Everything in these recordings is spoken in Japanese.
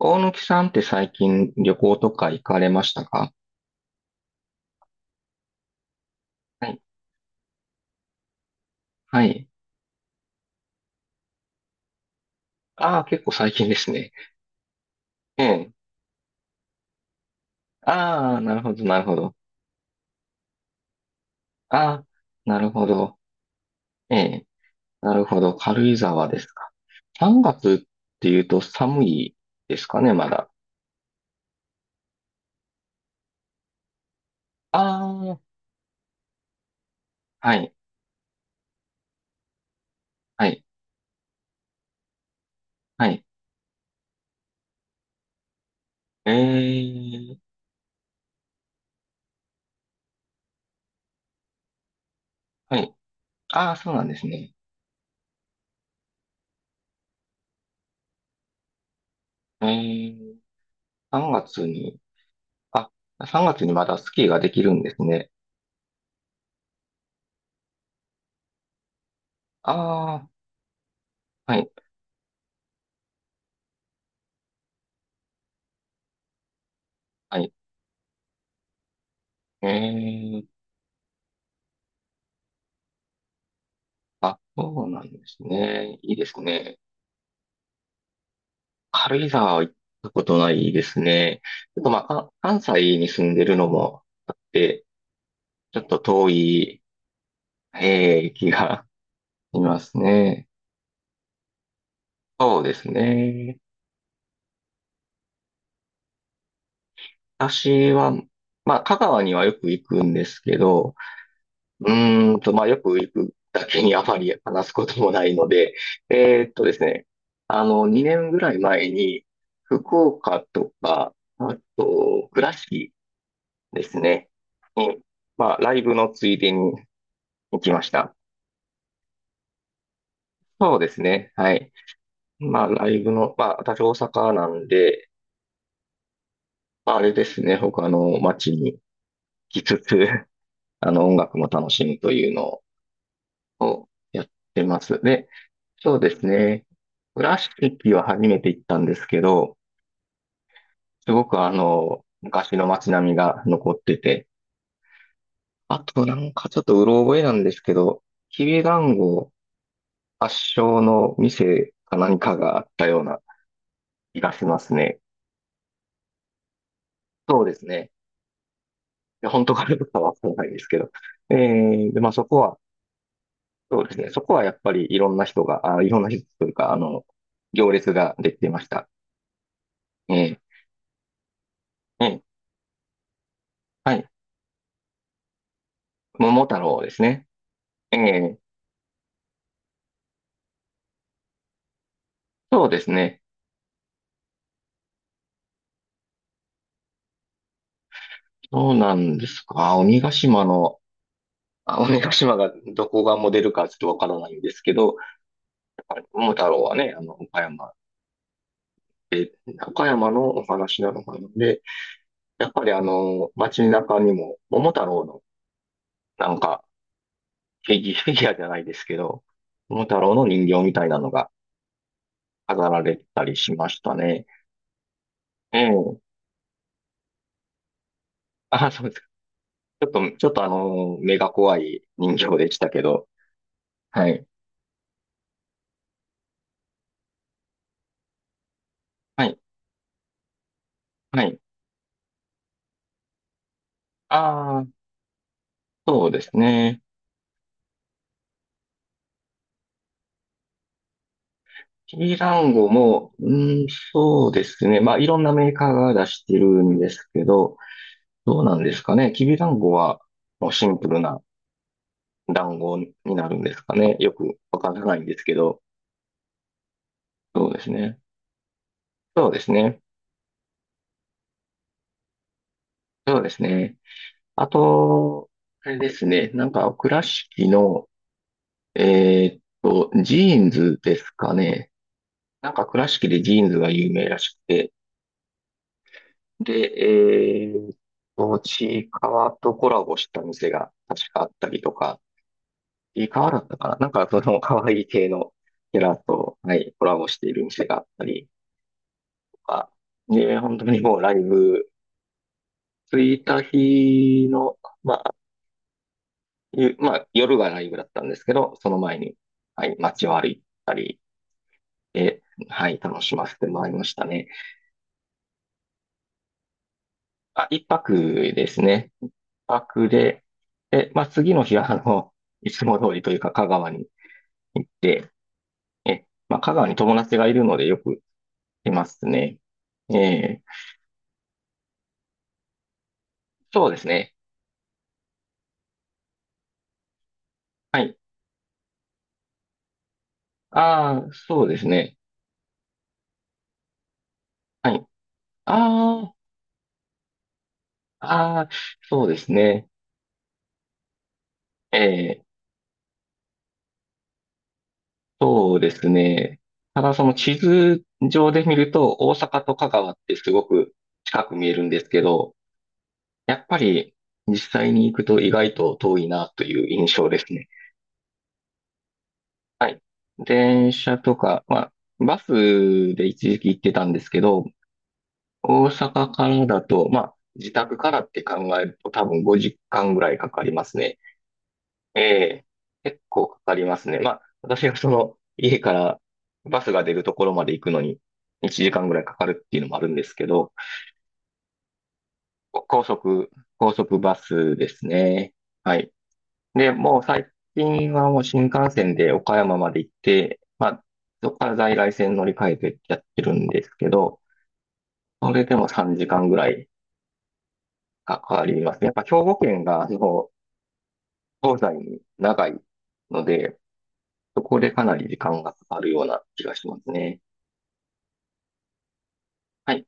大貫さんって最近旅行とか行かれましたか？はい。はい。ああ、結構最近ですね。ええ。ああ、なるほど、なるほど。ああ、なるほど。ええ。なるほど。軽井沢ですか。3月っていうと寒いですかね、まだ。ああ、はい、はい、はい。ええ、はい。ああ、そうなんですね。ええ、3月に、あ、3月にまだスキーができるんですね。ああ、はい、はい。ええ、あ、そうなんですね。いいですね。軽井沢は行ったことないですね。ちょっとまあ、関西に住んでるのもあって、ちょっと遠い、気がしますね。そうですね。私は、まあ、香川にはよく行くんですけど、まあ、よく行くだけにあまり話すこともないので、ですね、あの、2年ぐらい前に、福岡とか、あと、倉敷、ですね。に、まあ、ライブのついでに行きました。そうですね。はい。まあ、ライブの、まあ、私大阪なんで、まあ、あれですね。他の街に行きつつ、あの、音楽も楽しむというのをやってます。で、そうですね。倉敷は初めて行ったんですけど、すごくあの、昔の街並みが残ってて、あとなんかちょっとうろ覚えなんですけど、きびだんご発祥の店か何かがあったような気がしますね。そうですね。いや本当かどうかはわからないですけど。で、まあそこは、そうですね。そこはやっぱりいろんな人が、あ、いろんな人というか、あの、行列ができていました。ええ、ええ、はい。桃太郎ですね。ええ、そうですね。そうなんですか。鬼ヶ島の、あ、鬼ヶ島がどこがモデルかちょっとわからないんですけど、やっぱり桃太郎はね、あの、岡山で、岡山のお話なのかなので、やっぱりあの、街中にも桃太郎のなんか、フィギュアじゃないですけど、桃太郎の人形みたいなのが飾られたりしましたね。ええ。あ、そうですか。ちょっとあの、目が怖い人形でしたけど。はい。はい。はい。ああ、そうですね。きランゴも、うん、そうですね。まあ、いろんなメーカーが出してるんですけど、どうなんですかね。きびだんごは、もうシンプルな団子になるんですかね。よくわからないんですけど。そうですね。そうですね。そうですね。あと、あれですね。なんか、倉敷の、ジーンズですかね。なんか、倉敷でジーンズが有名らしくて。で、えーっちいかわとコラボした店が確かあったりとか、ちいかわだったかな。なんか、その可愛い系のキャラと、はい、コラボしている店があったりとか。で、本当にもうライブ、着いた日の、まいう、まあ、夜がライブだったんですけど、その前に、はい、街を歩いたりで、はい、楽しませてもらいましたね。あ、一泊ですね。一泊で、で、まあ、次の日は、あの、いつも通りというか、香川に行って、まあ、香川に友達がいるのでよくいますね。ええ、そうですね。はい。ああ、そうですね。はい。ああ、ああ、そうですね。ええ、そうですね。ただその地図上で見ると大阪と香川ってすごく近く見えるんですけど、やっぱり実際に行くと意外と遠いなという印象ですね。はい。電車とか、まあ、バスで一時期行ってたんですけど、大阪からだと、まあ、自宅からって考えると多分5時間ぐらいかかりますね。ええ、結構かかりますね。まあ、私がその、家からバスが出るところまで行くのに、1時間ぐらいかかるっていうのもあるんですけど、高速、高速バスですね。はい。で、もう最近はもう新幹線で岡山まで行って、まあ、そこから在来線乗り換えてやってるんですけど、それでも3時間ぐらいかかりますね。やっぱ兵庫県が、その、東西に長いので、そこでかなり時間がかかるような気がしますね。はい。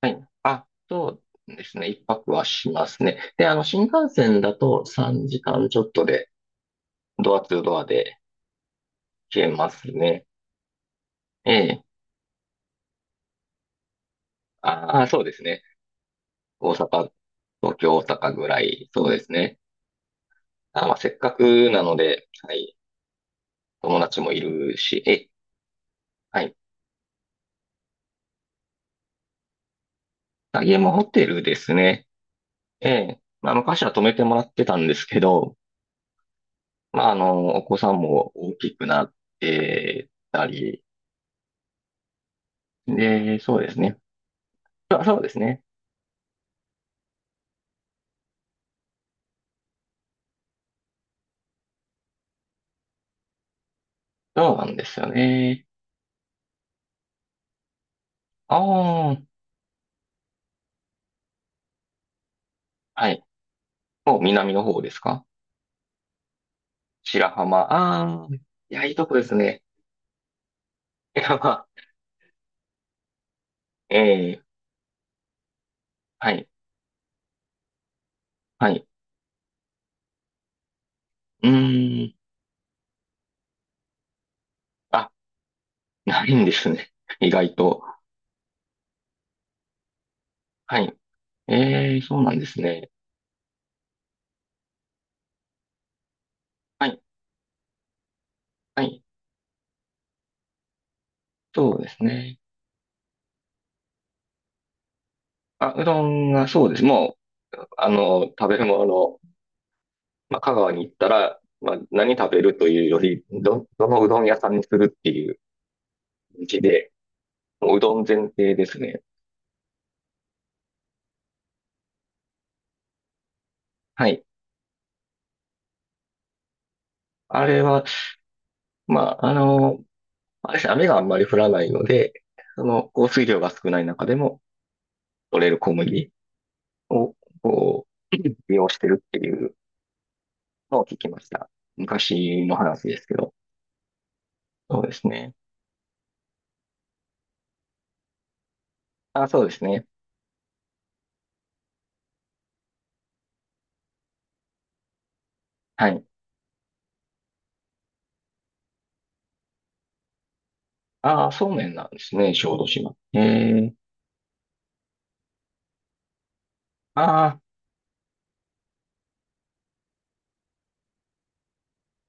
はい。あ、そうですね。一泊はしますね。で、あの、新幹線だと3時間ちょっとで、ドアツードアで消えますね。ええ。ああ、そうですね。大阪、東京、大阪ぐらい、そうですね。あ、まあ、せっかくなので、はい。友達もいるし、ええ、はい。あ、家もホテルですね。ええ。まあ、昔は泊めてもらってたんですけど、まあ、あの、お子さんも大きくなってたり、で、そうですね。あ、そうですね。そうなんですよね。ああ、はい。もう南の方ですか？白浜。ああ、いや、いいとこですね。いや、まあ、ええ、はい、はい。うーん、あ、ないんですね。意外と。はい。ええ、そうなんですね。はい、はい。そうですね。あ、うどんが、そうです。もう、あの、食べるもの、まあ、香川に行ったら、まあ、何食べるというより、どのうどん屋さんにするっていう感じで、もううどん前提ですね。はい。あれは、まあ、あの、あれですね、雨があんまり降らないので、その降水量が少ない中でも取れる小麦を、こう、利用してるっていうのを聞きました。昔の話ですけど。そうですね。あ、そうですね。はい。ああ、そうめんなんですね、小豆島。ええ、あ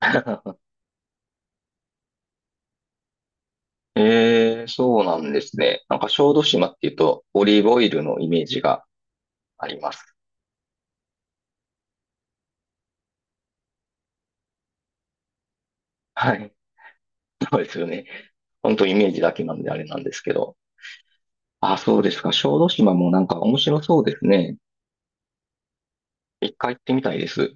あ、ええ、そうなんですね。なんか小豆島っていうと、オリーブオイルのイメージがあります。はい。そうですよね。本当イメージだけなんであれなんですけど。あ、そうですか。小豆島もなんか面白そうですね。一回行ってみたいです。